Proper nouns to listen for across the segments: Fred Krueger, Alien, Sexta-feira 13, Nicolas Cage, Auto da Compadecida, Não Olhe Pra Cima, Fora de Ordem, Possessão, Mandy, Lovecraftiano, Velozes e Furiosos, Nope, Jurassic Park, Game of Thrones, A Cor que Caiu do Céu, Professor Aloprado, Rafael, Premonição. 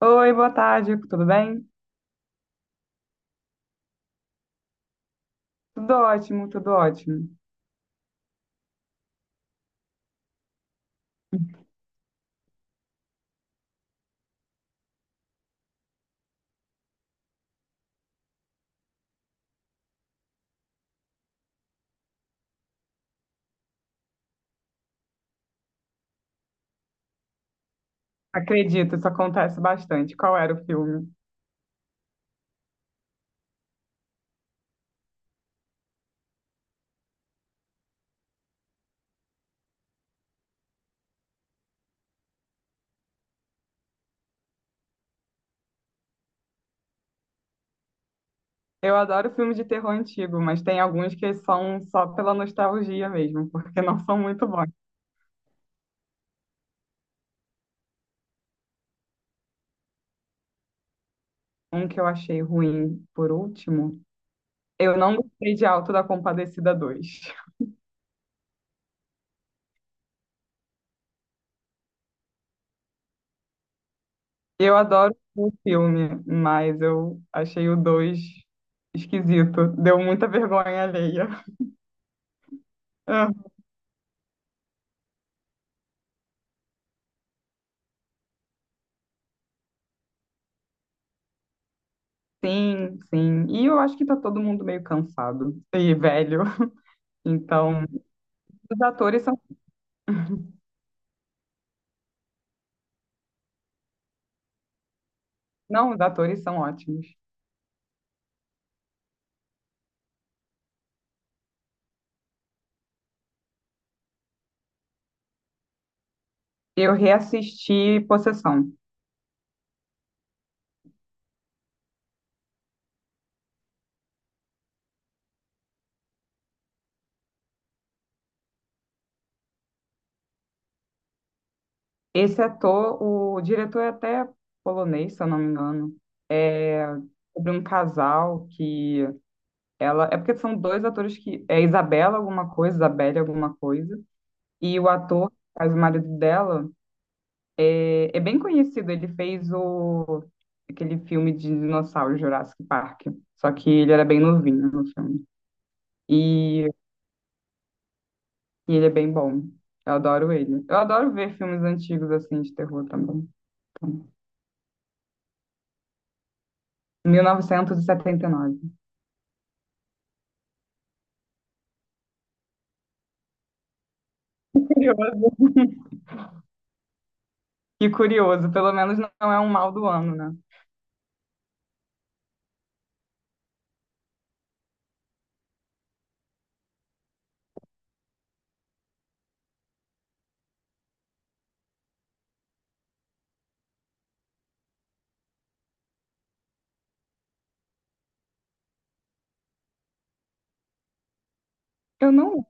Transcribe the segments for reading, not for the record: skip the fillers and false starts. Oi, boa tarde, tudo bem? Tudo ótimo, tudo ótimo. Acredito, isso acontece bastante. Qual era o filme? Eu adoro filme de terror antigo, mas tem alguns que são só pela nostalgia mesmo, porque não são muito bons. Um que eu achei ruim, por último, eu não gostei de Auto da Compadecida dois. Eu adoro o filme, mas eu achei o 2 esquisito. Deu muita vergonha alheia. Ah, Sim, sim. E eu acho que tá todo mundo meio cansado e velho. Então, os atores são, não, os atores são ótimos. Eu reassisti Possessão. Esse ator, o diretor é até polonês, se eu não me engano. É sobre um casal que ela, é porque são dois atores que é Isabela alguma coisa, Isabelle alguma coisa, e o ator que faz o marido dela é, é bem conhecido, ele fez o aquele filme de dinossauro Jurassic Park, só que ele era bem novinho no filme. E E ele é bem bom. Eu adoro ele. Eu adoro ver filmes antigos assim de terror também. Então, 1979. Curioso. Que curioso, pelo menos não é um mal do ano, né? Eu não,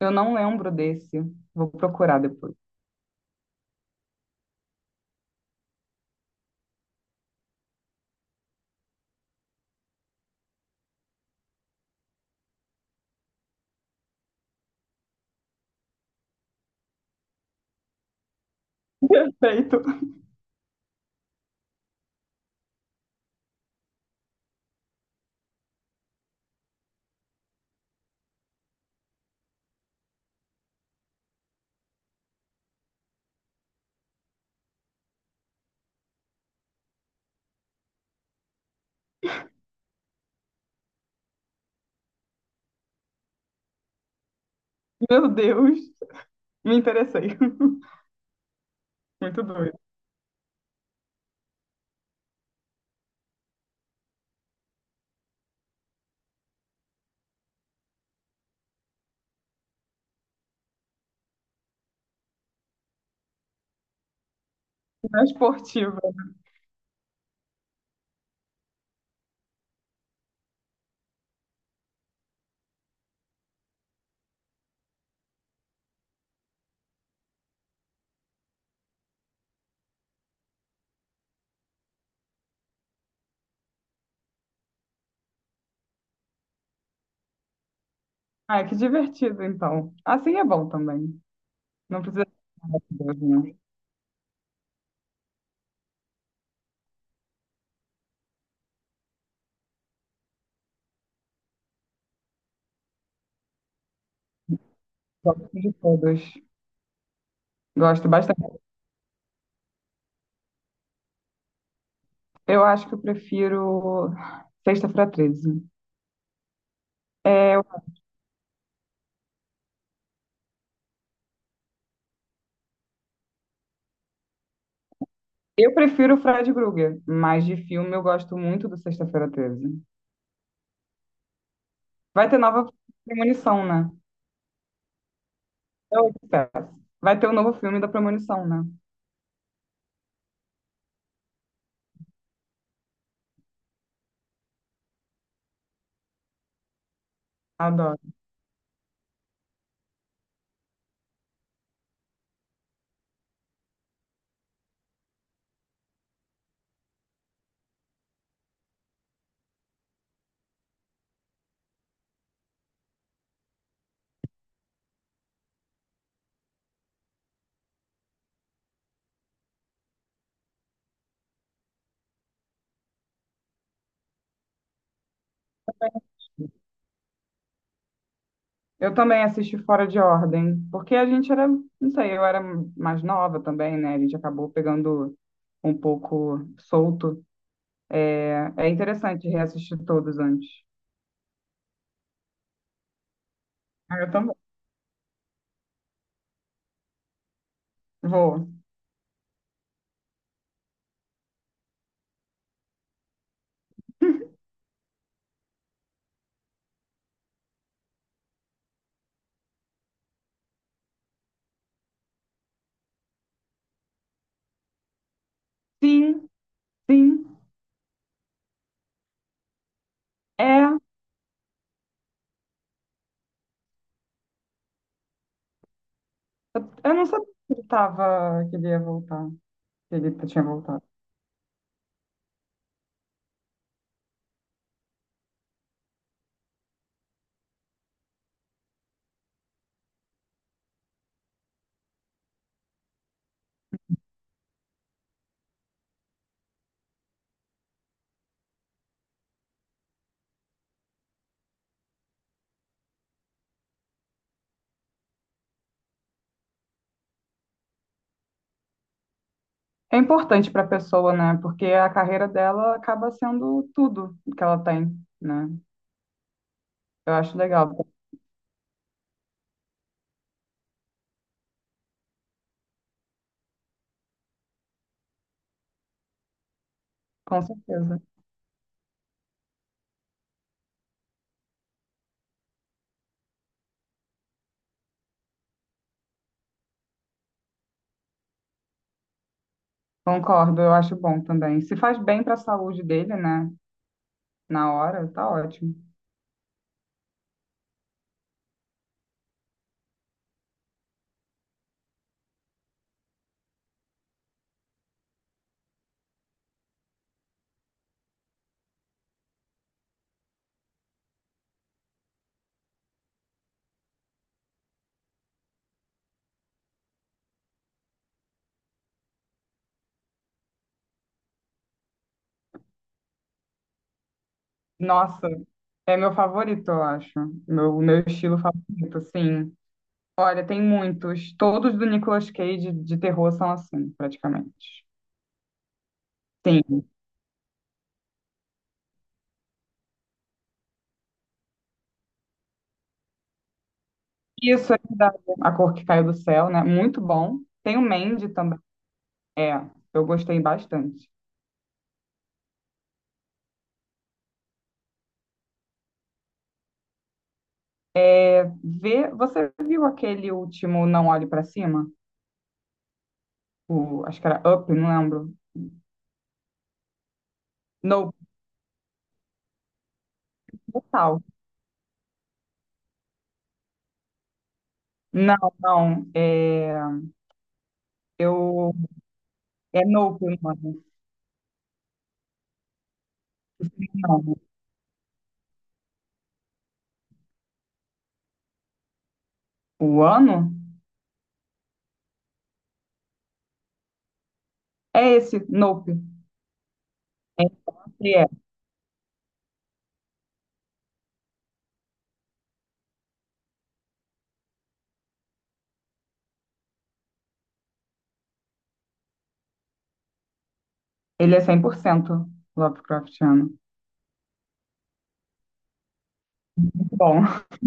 eu não lembro desse. Vou procurar depois. Perfeito. Meu Deus, me interessei. Muito doido. Não é esportiva. Ah, é que divertido, então. Assim é bom também. Não precisa. Ai, meu Deus, né? Gosto de todos. Gosto bastante. Eu acho que eu prefiro Sexta-feira 13. Eu eu prefiro o Fred Krueger, mas de filme eu gosto muito do Sexta-feira 13. Vai ter nova Premonição, né? Eu espero. Vai ter o novo filme da Premonição, né? Adoro. Eu também assisti Fora de Ordem, porque a gente era, não sei, eu era mais nova também, né? A gente acabou pegando um pouco solto. É, é interessante reassistir todos antes. Ah, eu também. Vou. Sim, sim, é. Eu não sabia que ele tava, que ele ia voltar, que ele tinha voltado. É importante para a pessoa, né? Porque a carreira dela acaba sendo tudo que ela tem, né? Eu acho legal, com certeza. Concordo, eu acho bom também. Se faz bem para a saúde dele, né? Na hora, tá ótimo. Nossa, é meu favorito, eu acho. Meu estilo favorito, sim. Olha, tem muitos. Todos do Nicolas Cage de terror são assim, praticamente. Sim. Isso é da- A Cor que Caiu do Céu, né? Muito bom. Tem o Mandy também. É, eu gostei bastante. Vê, você viu aquele último Não Olhe Pra Cima? O, acho que era Up, não lembro. Nope, total. Não, não. É, eu, é Nope o nome. Não. O ano? É esse, Nope. É, é. É. Ele é 100% Lovecraftiano. Bom,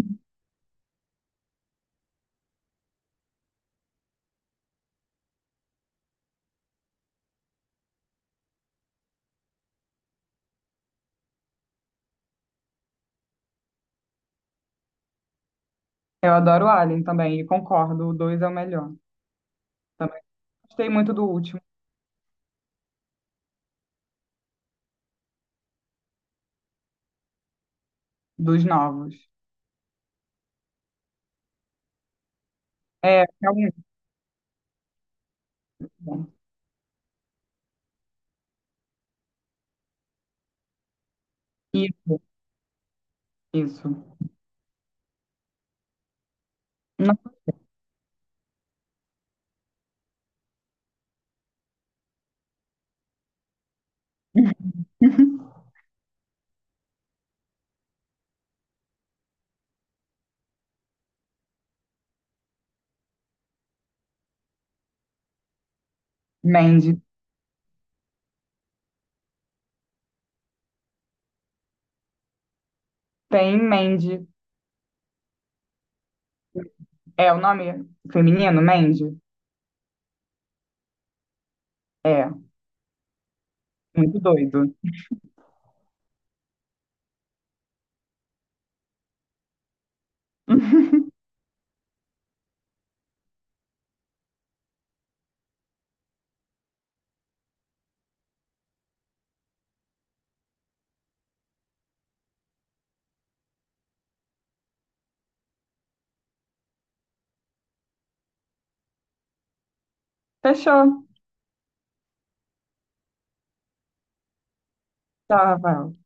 eu adoro Alien também, e concordo, o 2 é o melhor. Também gostei muito do último, dos novos. É, é muito bom. Isso, isso. Não, Mandy. Tem Mandy. É, o nome feminino, Mandy? É, muito doido. Fechou. Tchau, Rafael.